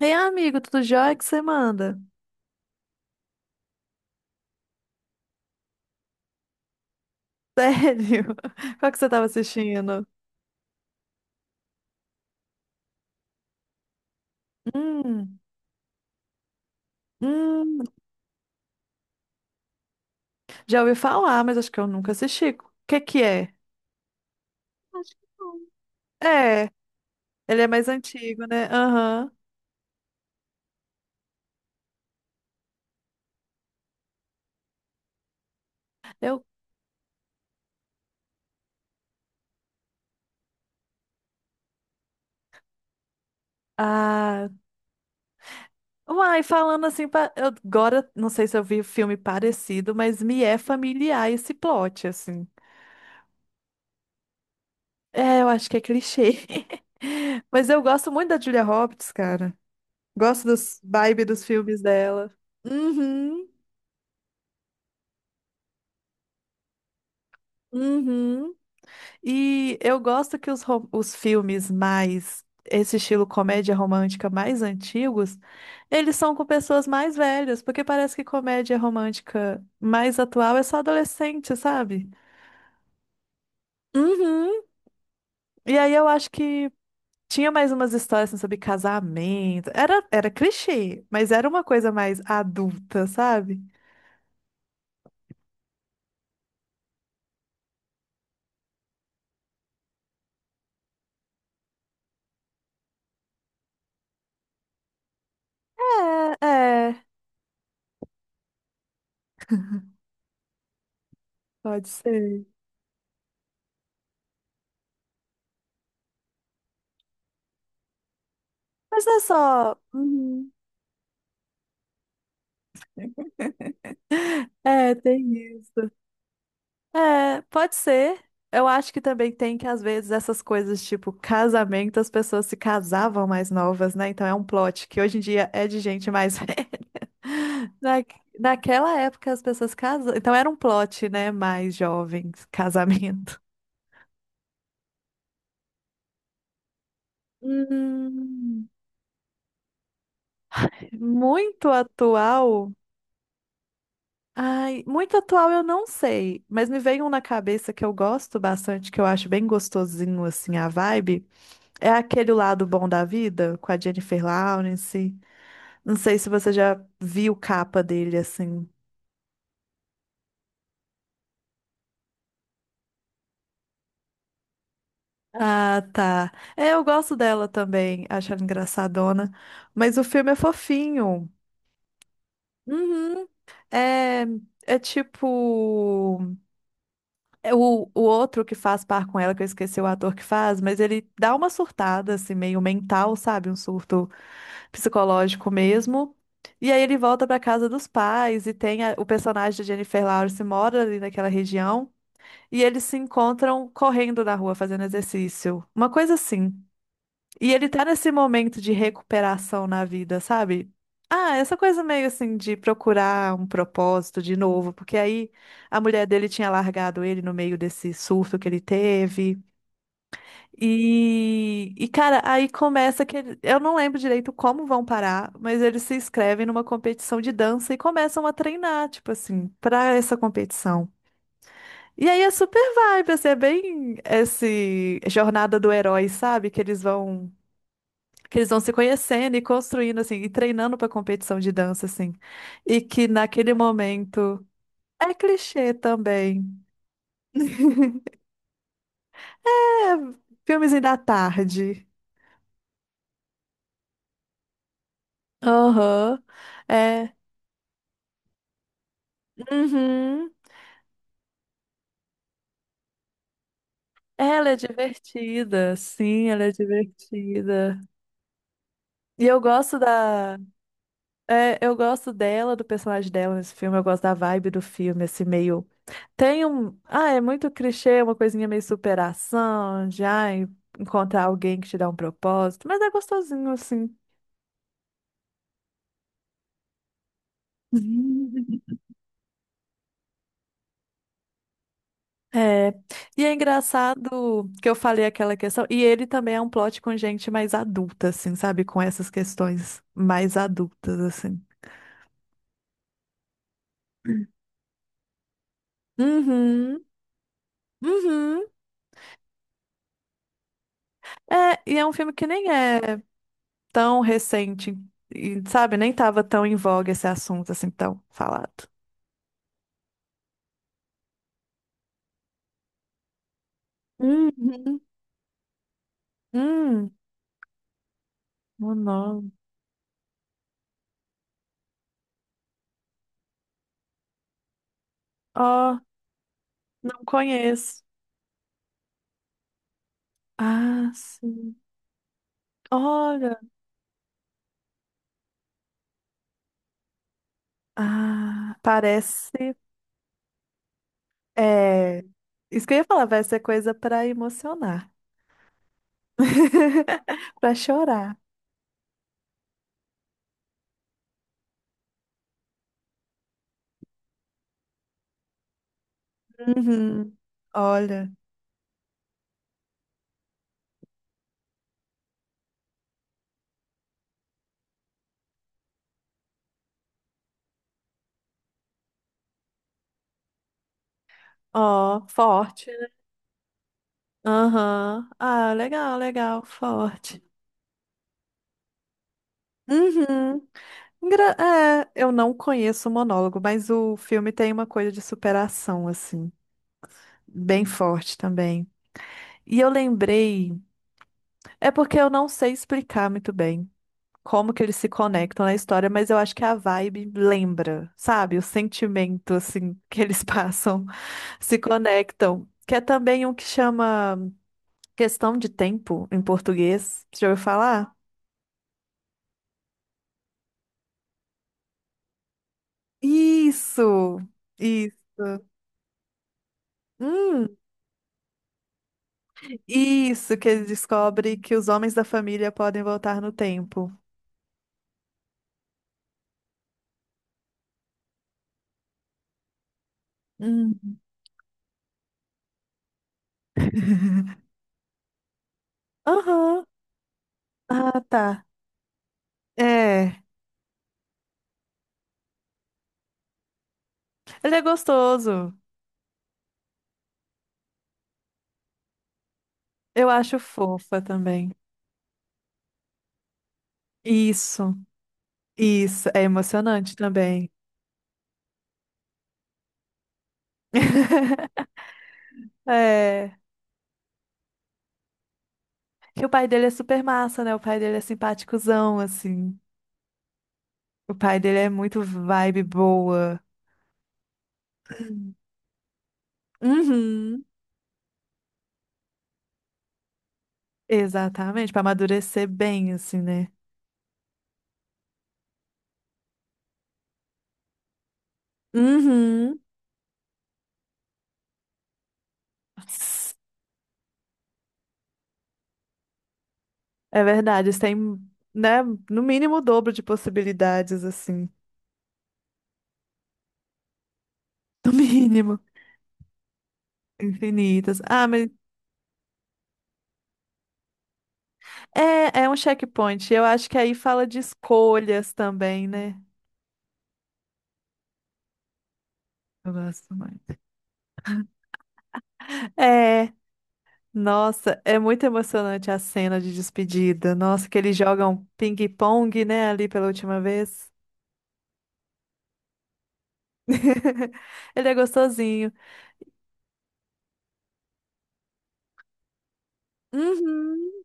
Ei, amigo, tudo jóia. O que você manda? Sério? Qual que você tava assistindo? Hum, hum, já ouvi falar, mas acho que eu nunca assisti. O que que é? Acho que não. É, ele é mais antigo, né? Aham. Eu. Ah. Uai, falando assim, eu agora não sei se eu vi filme parecido, mas me é familiar esse plot, assim. É, eu acho que é clichê. Mas eu gosto muito da Julia Roberts, cara. Gosto dos vibe dos filmes dela. Uhum. Uhum. E eu gosto que os filmes mais, esse estilo comédia romântica mais antigos, eles são com pessoas mais velhas, porque parece que comédia romântica mais atual é só adolescente, sabe? Uhum. E aí eu acho que tinha mais umas histórias assim, sobre casamento. Era clichê, mas era uma coisa mais adulta, sabe? É, é. Pode ser. Mas não é só. Uhum. É, tem isso. É, pode ser. Eu acho que também tem que, às vezes, essas coisas tipo casamento, as pessoas se casavam mais novas, né? Então é um plot que hoje em dia é de gente mais velha. Na, naquela época as pessoas casavam. Então era um plot, né? Mais jovens, casamento. Hum, muito atual. Ai, muito atual eu não sei, mas me veio um na cabeça que eu gosto bastante, que eu acho bem gostosinho assim a vibe. É aquele lado bom da vida com a Jennifer Lawrence. Não sei se você já viu capa dele assim. Ah, tá. É, eu gosto dela também, acho ela engraçadona. Mas o filme é fofinho. Uhum. É, é tipo. É o outro que faz par com ela, que eu esqueci o ator que faz, mas ele dá uma surtada, assim, meio mental, sabe? Um surto psicológico mesmo. E aí ele volta pra casa dos pais e tem o personagem de Jennifer Lawrence mora ali naquela região. E eles se encontram correndo na rua, fazendo exercício. Uma coisa assim. E ele tá nesse momento de recuperação na vida, sabe? Ah, essa coisa meio assim de procurar um propósito de novo, porque aí a mulher dele tinha largado ele no meio desse surto que ele teve. E cara, aí começa eu não lembro direito como vão parar, mas eles se inscrevem numa competição de dança e começam a treinar, tipo assim, pra essa competição. E aí é super vibe, assim, é bem esse jornada do herói, sabe? Que eles vão se conhecendo e construindo assim e treinando para competição de dança assim. E que naquele momento é clichê também. É, filmezinho da tarde. Aham. É. Uhum. Ela é divertida, sim, ela é divertida. E é, eu gosto dela, do personagem dela nesse filme, eu gosto da vibe do filme, esse meio. Tem um. Ah, é muito clichê, uma coisinha meio superação, já encontrar alguém que te dá um propósito, mas é gostosinho assim. É. E é engraçado que eu falei aquela questão, e ele também é um plot com gente mais adulta, assim, sabe? Com essas questões mais adultas, assim. Uhum, uhum. É, e é um filme que nem é tão recente, e, sabe? Nem tava tão em voga esse assunto, assim, tão falado. Uhum. Hum. O nome. Ó, não conheço. Ah, sim. Olha. Ah, parece. É. Isso que eu ia falar, vai ser coisa pra emocionar. Pra chorar. Uhum. Olha. Ó, forte, né? Aham. Ah, legal, legal, forte. Uhum. Engra- é, eu não conheço o monólogo, mas o filme tem uma coisa de superação, assim, bem forte também. E eu lembrei. É porque eu não sei explicar muito bem como que eles se conectam na história, mas eu acho que a vibe lembra, sabe? O sentimento, assim, que eles passam, se conectam. Que é também um que chama Questão de Tempo, em português. Você já ouviu falar? Isso! Isso! Hum, isso, que ele descobre que os homens da família podem voltar no tempo. Hum. Aham. Ah, tá. É. Ele é gostoso. Eu acho fofa também. Isso, isso. É emocionante também. É. E o pai dele é super massa, né? O pai dele é simpaticozão, assim. O pai dele é muito vibe boa. Uhum. Exatamente, pra amadurecer bem, assim, né? Uhum. É verdade, eles têm, né, no mínimo o dobro de possibilidades, assim. No mínimo, infinitas. Ah, mas é, é um checkpoint. Eu acho que aí fala de escolhas também, né? Eu gosto muito. É, nossa, é muito emocionante a cena de despedida. Nossa, que eles jogam ping-pong, né, ali pela última vez. Ele é gostosinho. Uhum,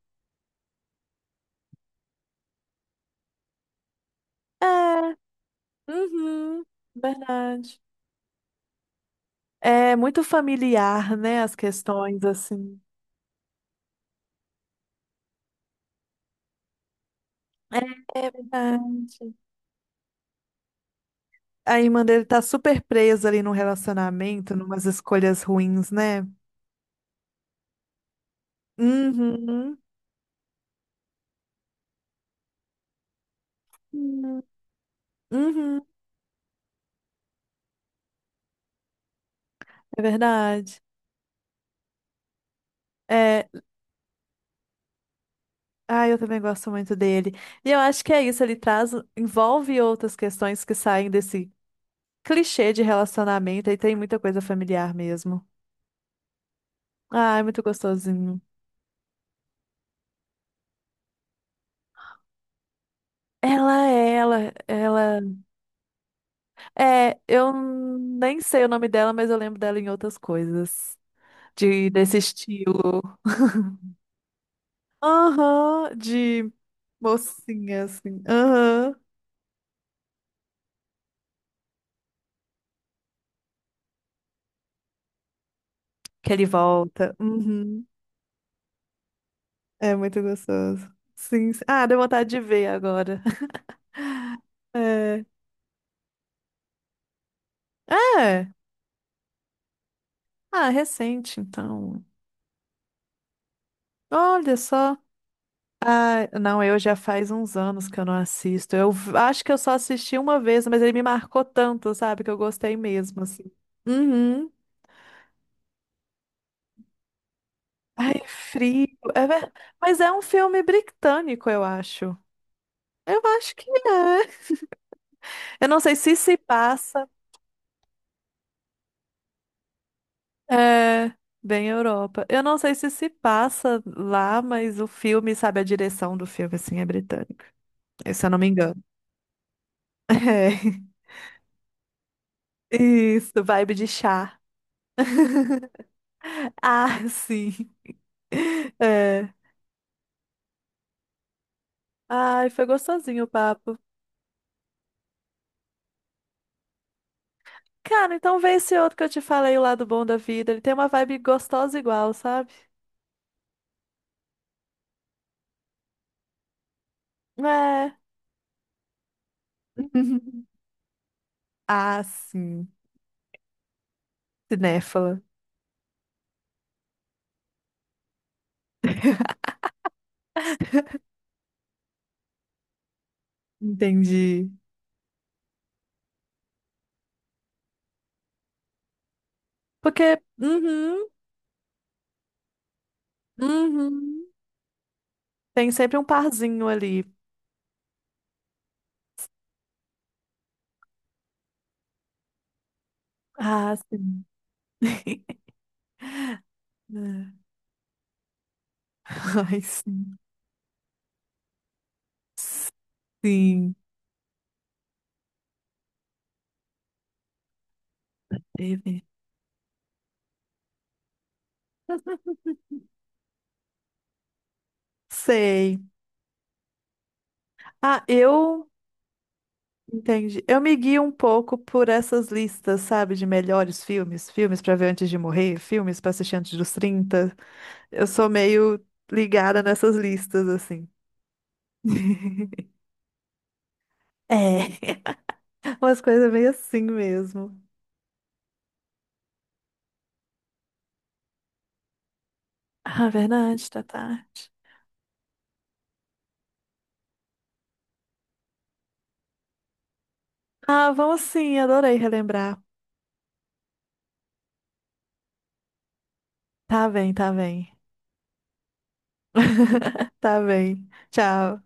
é, uhum, verdade. É muito familiar, né, as questões, assim. É, é verdade. A irmã dele tá super presa ali num relacionamento, numas escolhas ruins, né? Uhum. Uhum. Uhum. É verdade. É, ah, eu também gosto muito dele. E eu acho que é isso, ele traz, envolve outras questões que saem desse clichê de relacionamento e tem muita coisa familiar mesmo. Ah, é muito gostosinho. Ela. É, eu nem sei o nome dela, mas eu lembro dela em outras coisas. Desse estilo. Aham, de mocinha, assim. Aham. Que ele volta. Uhum. É muito gostoso. Sim, sim. Ah, deu vontade de ver agora. É. É. Ah, recente, então. Olha só. Ah, não, eu já faz uns anos que eu não assisto. Acho que eu só assisti uma vez, mas ele me marcou tanto, sabe? Que eu gostei mesmo, assim. Uhum. Ai, frio. É ver- Mas é um filme britânico, eu acho. Eu acho que é. Eu não sei se se passa. É, bem Europa. Eu não sei se se passa lá, mas o filme, sabe, a direção do filme, assim, é britânica, se eu não me engano. É. Isso, vibe de chá. Ah, sim. É. Ai, foi gostosinho o papo. Cara, então vê esse outro que eu te falei, O Lado Bom da Vida. Ele tem uma vibe gostosa igual, sabe? É. Ah, sim. Cinéfala. Entendi. Porque. Uhum, uhum. Tem sempre um parzinho ali. Ah, sim. Ai, sim. Sim. Teve. Sei. Ah, eu entendi. Eu me guio um pouco por essas listas, sabe, de melhores filmes, filmes pra ver antes de morrer, filmes pra assistir antes dos 30. Eu sou meio ligada nessas listas, assim. É, umas coisas meio assim mesmo. Ah, verdade, tá tarde. Ah, vamos sim, adorei relembrar. Tá bem, tá bem. Tá bem. Tchau.